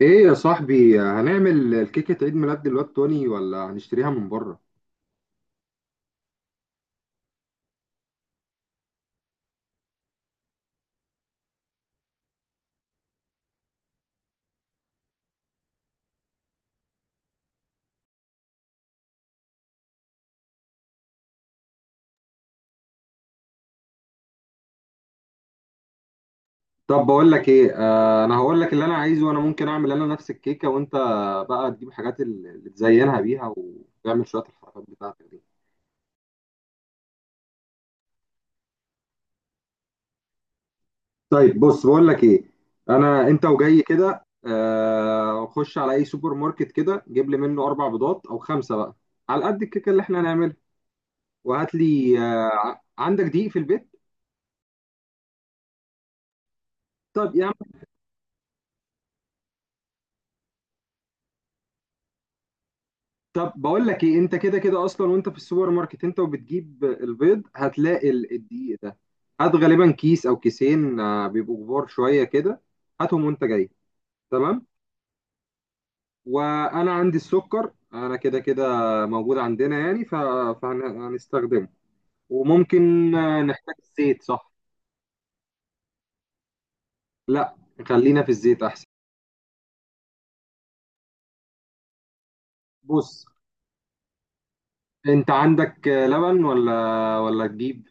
ايه يا صاحبي، هنعمل الكيكة عيد ميلاد الواد توني ولا هنشتريها من بره؟ طب بقول لك ايه. انا هقول لك اللي انا عايزه، وانا ممكن اعمل انا نفس الكيكة، وانت بقى تجيب حاجات اللي تزينها بيها وتعمل شوية الحركات بتاعتك دي. طيب بص بقول لك ايه، انا انت وجاي كده خش على اي سوبر ماركت كده، جيب لي منه 4 بيضات او 5 بقى على قد الكيكة اللي احنا هنعملها. وهات لي، عندك دقيق في البيت؟ طب يا عم. طب بقول لك ايه، انت كده كده اصلا وانت في السوبر ماركت، انت وبتجيب البيض هتلاقي الدقيق ده. هات غالبا كيس او كيسين، بيبقوا كبار شويه كده. هاتهم وانت جاي. تمام. وانا عندي السكر، انا كده كده موجود عندنا يعني فهنستخدمه. وممكن نحتاج الزيت، صح؟ لا، خلينا في الزيت احسن. بص، انت عندك لبن ولا تجيب؟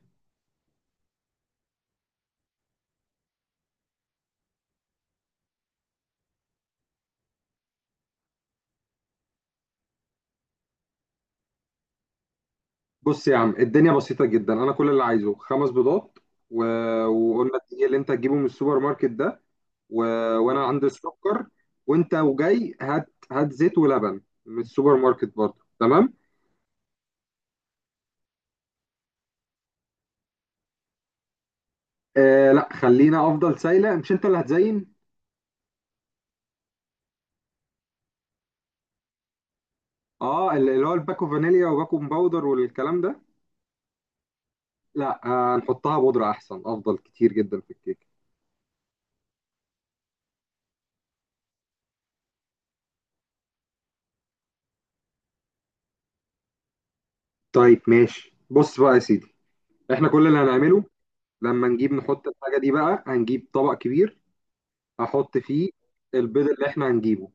بص يا عم، الدنيا بسيطة جدا. أنا كل اللي عايزه 5 بيضات و... وقلنا الدقيق اللي أنت هتجيبه من السوبر ماركت ده، و... وأنا عندي السكر. وأنت وجاي هات هات زيت ولبن من السوبر ماركت برضه، تمام؟ لا، خلينا أفضل سايلة. مش أنت اللي هتزين؟ أه، اللي هو الباكو فانيليا وباكو باودر والكلام ده. لا، هنحطها بودرة أحسن، أفضل كتير جدا في الكيك. طيب ماشي، بص بقى يا سيدي. إحنا كل اللي هنعمله، لما نجيب نحط الحاجة دي بقى هنجيب طبق كبير، احط فيه البيض اللي احنا هنجيبه.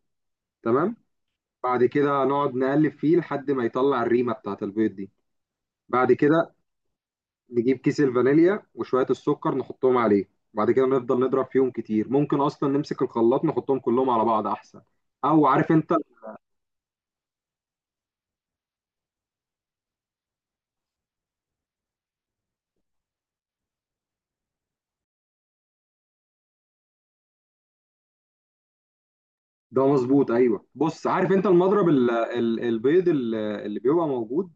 تمام. بعد كده نقعد نقلب فيه لحد ما يطلع الريمه بتاعت البيض دي. بعد كده نجيب كيس الفانيليا وشويه السكر نحطهم عليه. بعد كده نفضل نضرب فيهم كتير، ممكن اصلا نمسك الخلاط نحطهم كلهم على بعض احسن. او عارف انت. ده مظبوط، ايوه. بص عارف انت المضرب، البيض اللي بيبقى موجود،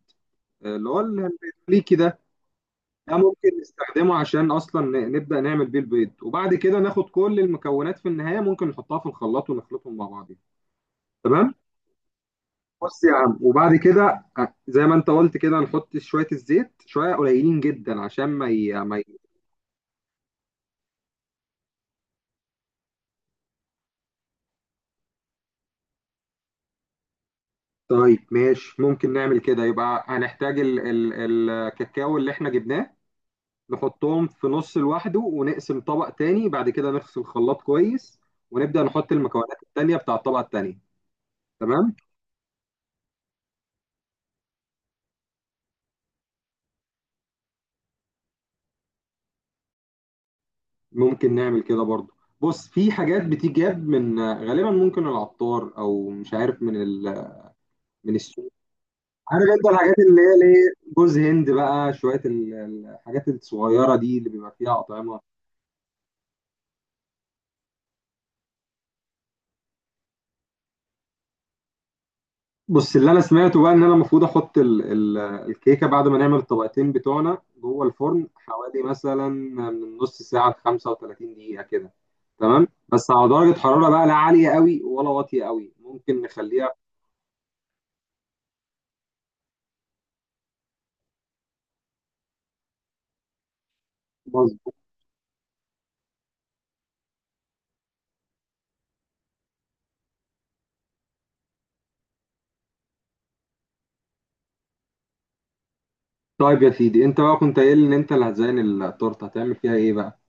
اللي هو الامريكي ده. ده ممكن نستخدمه عشان اصلا نبدا نعمل بيه البيض، وبعد كده ناخد كل المكونات في النهايه ممكن نحطها في الخلاط ونخلطهم مع بعضين. تمام. بص يا عم، وبعد كده زي ما انت قلت كده نحط شويه الزيت شويه قليلين جدا عشان ما ي... ما ي... طيب ماشي، ممكن نعمل كده. يبقى هنحتاج الكاكاو اللي احنا جبناه، نحطهم في نص لوحده، ونقسم طبق تاني، بعد كده نغسل الخلاط كويس ونبدا نحط المكونات التانيه بتاع الطبقه التانيه. تمام. ممكن نعمل كده برضو. بص، في حاجات بتجاب من غالبا ممكن العطار، او مش عارف من السوق. عارف انت الحاجات اللي هي ليه جوز هند بقى، شويه الحاجات الصغيره دي اللي بيبقى فيها اطعمه. بص، اللي انا سمعته بقى ان انا المفروض احط الكيكه بعد ما نعمل الطبقتين بتوعنا جوه الفرن، حوالي مثلا من نص ساعه ل 35 دقيقه كده. تمام، بس على درجه حراره بقى لا عاليه قوي ولا واطيه قوي ممكن نخليها. طيب يا سيدي، انت بقى كنت قايل ان انت اللي هتزين التورته، هتعمل فيها ايه بقى؟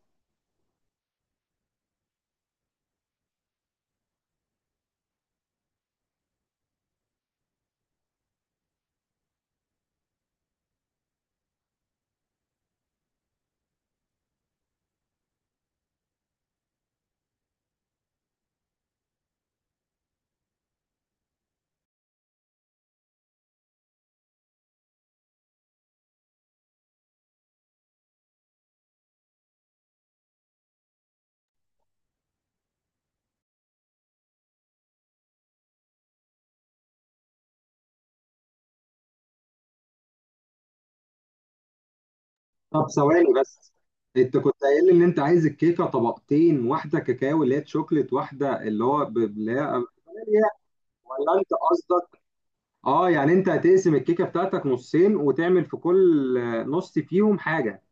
طب ثواني بس. انت كنت قايل ان انت عايز الكيكه طبقتين، واحده كاكاو اللي هي شوكليت، واحده اللي هو اللي هي فانيليا، ولا انت قصدك اه، يعني انت هتقسم الكيكه بتاعتك نصين، وتعمل في كل نص فيهم حاجه.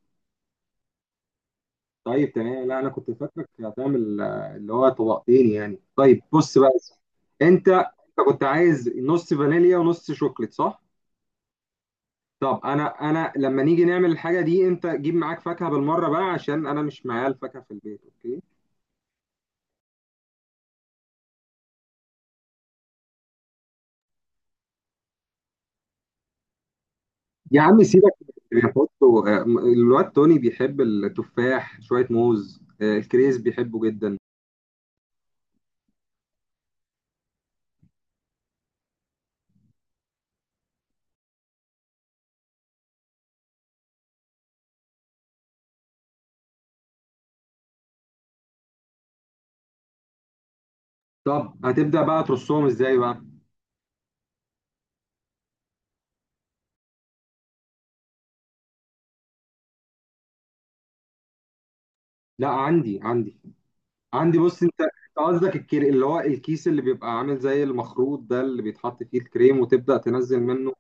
طيب تمام، لا انا كنت فاكرك هتعمل اللي هو طبقتين يعني. طيب بص بقى، انت كنت عايز نص فانيليا ونص شوكليت، صح؟ طب انا لما نيجي نعمل الحاجه دي، انت جيب معاك فاكهه بالمره بقى عشان انا مش معايا الفاكهه في البيت، اوكي؟ يا عم سيبك من بيحطوا. الواد توني بيحب التفاح، شويه موز. الكريز بيحبه جدا. طب هتبدا بقى ترصهم ازاي بقى؟ لا، عندي عندي. عندي. بص، أنت قصدك الكري اللي هو الكيس اللي بيبقى عامل زي المخروط ده اللي بيتحط فيه الكريم وتبدا تنزل منه.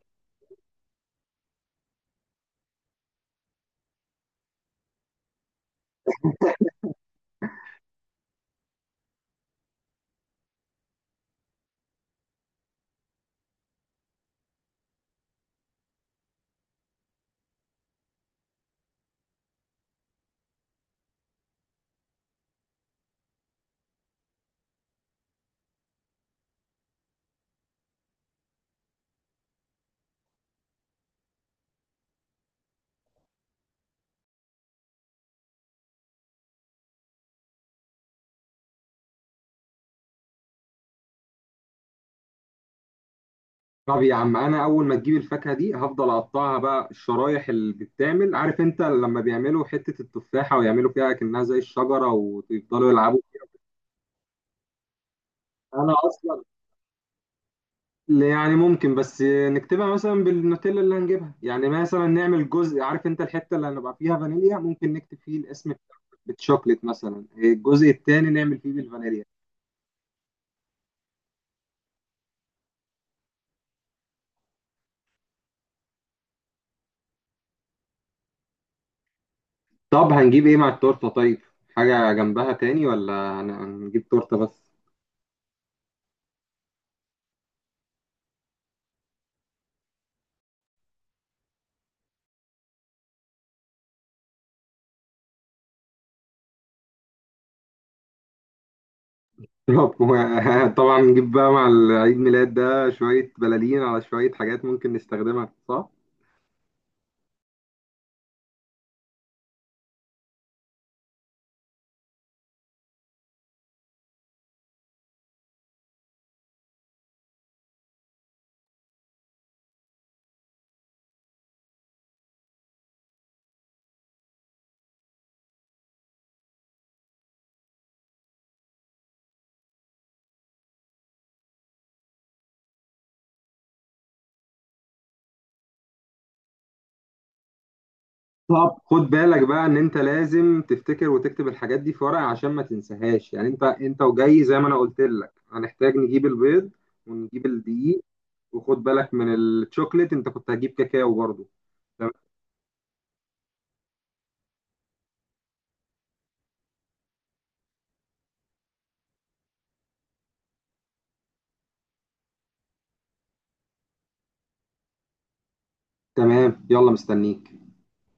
طب يا عم، انا اول ما تجيب الفاكهه دي هفضل اقطعها بقى، الشرايح اللي بتتعمل. عارف انت لما بيعملوا حته التفاحه ويعملوا فيها كأنها زي الشجره ويفضلوا يلعبوا. انا اصلا، يعني ممكن بس نكتبها مثلا بالنوتيلا اللي هنجيبها، يعني مثلا نعمل جزء، عارف انت الحته اللي هنبقى فيها فانيليا ممكن نكتب فيه الاسم بالشوكليت مثلا، الجزء التاني نعمل فيه بالفانيليا. طب هنجيب ايه مع التورته؟ طيب، حاجه جنبها تاني ولا هنجيب تورته بس؟ بالظبط. طبعا نجيب بقى مع العيد ميلاد ده شوية بلالين على شوية حاجات ممكن نستخدمها، صح؟ طب خد بالك بقى ان انت لازم تفتكر وتكتب الحاجات دي في ورقة عشان ما تنساهاش، يعني انت وجاي زي ما انا قلت لك هنحتاج نجيب البيض ونجيب الدقيق. وخد بالك من الشوكليت، انت كنت هتجيب كاكاو برضه. تمام، يلا مستنيك.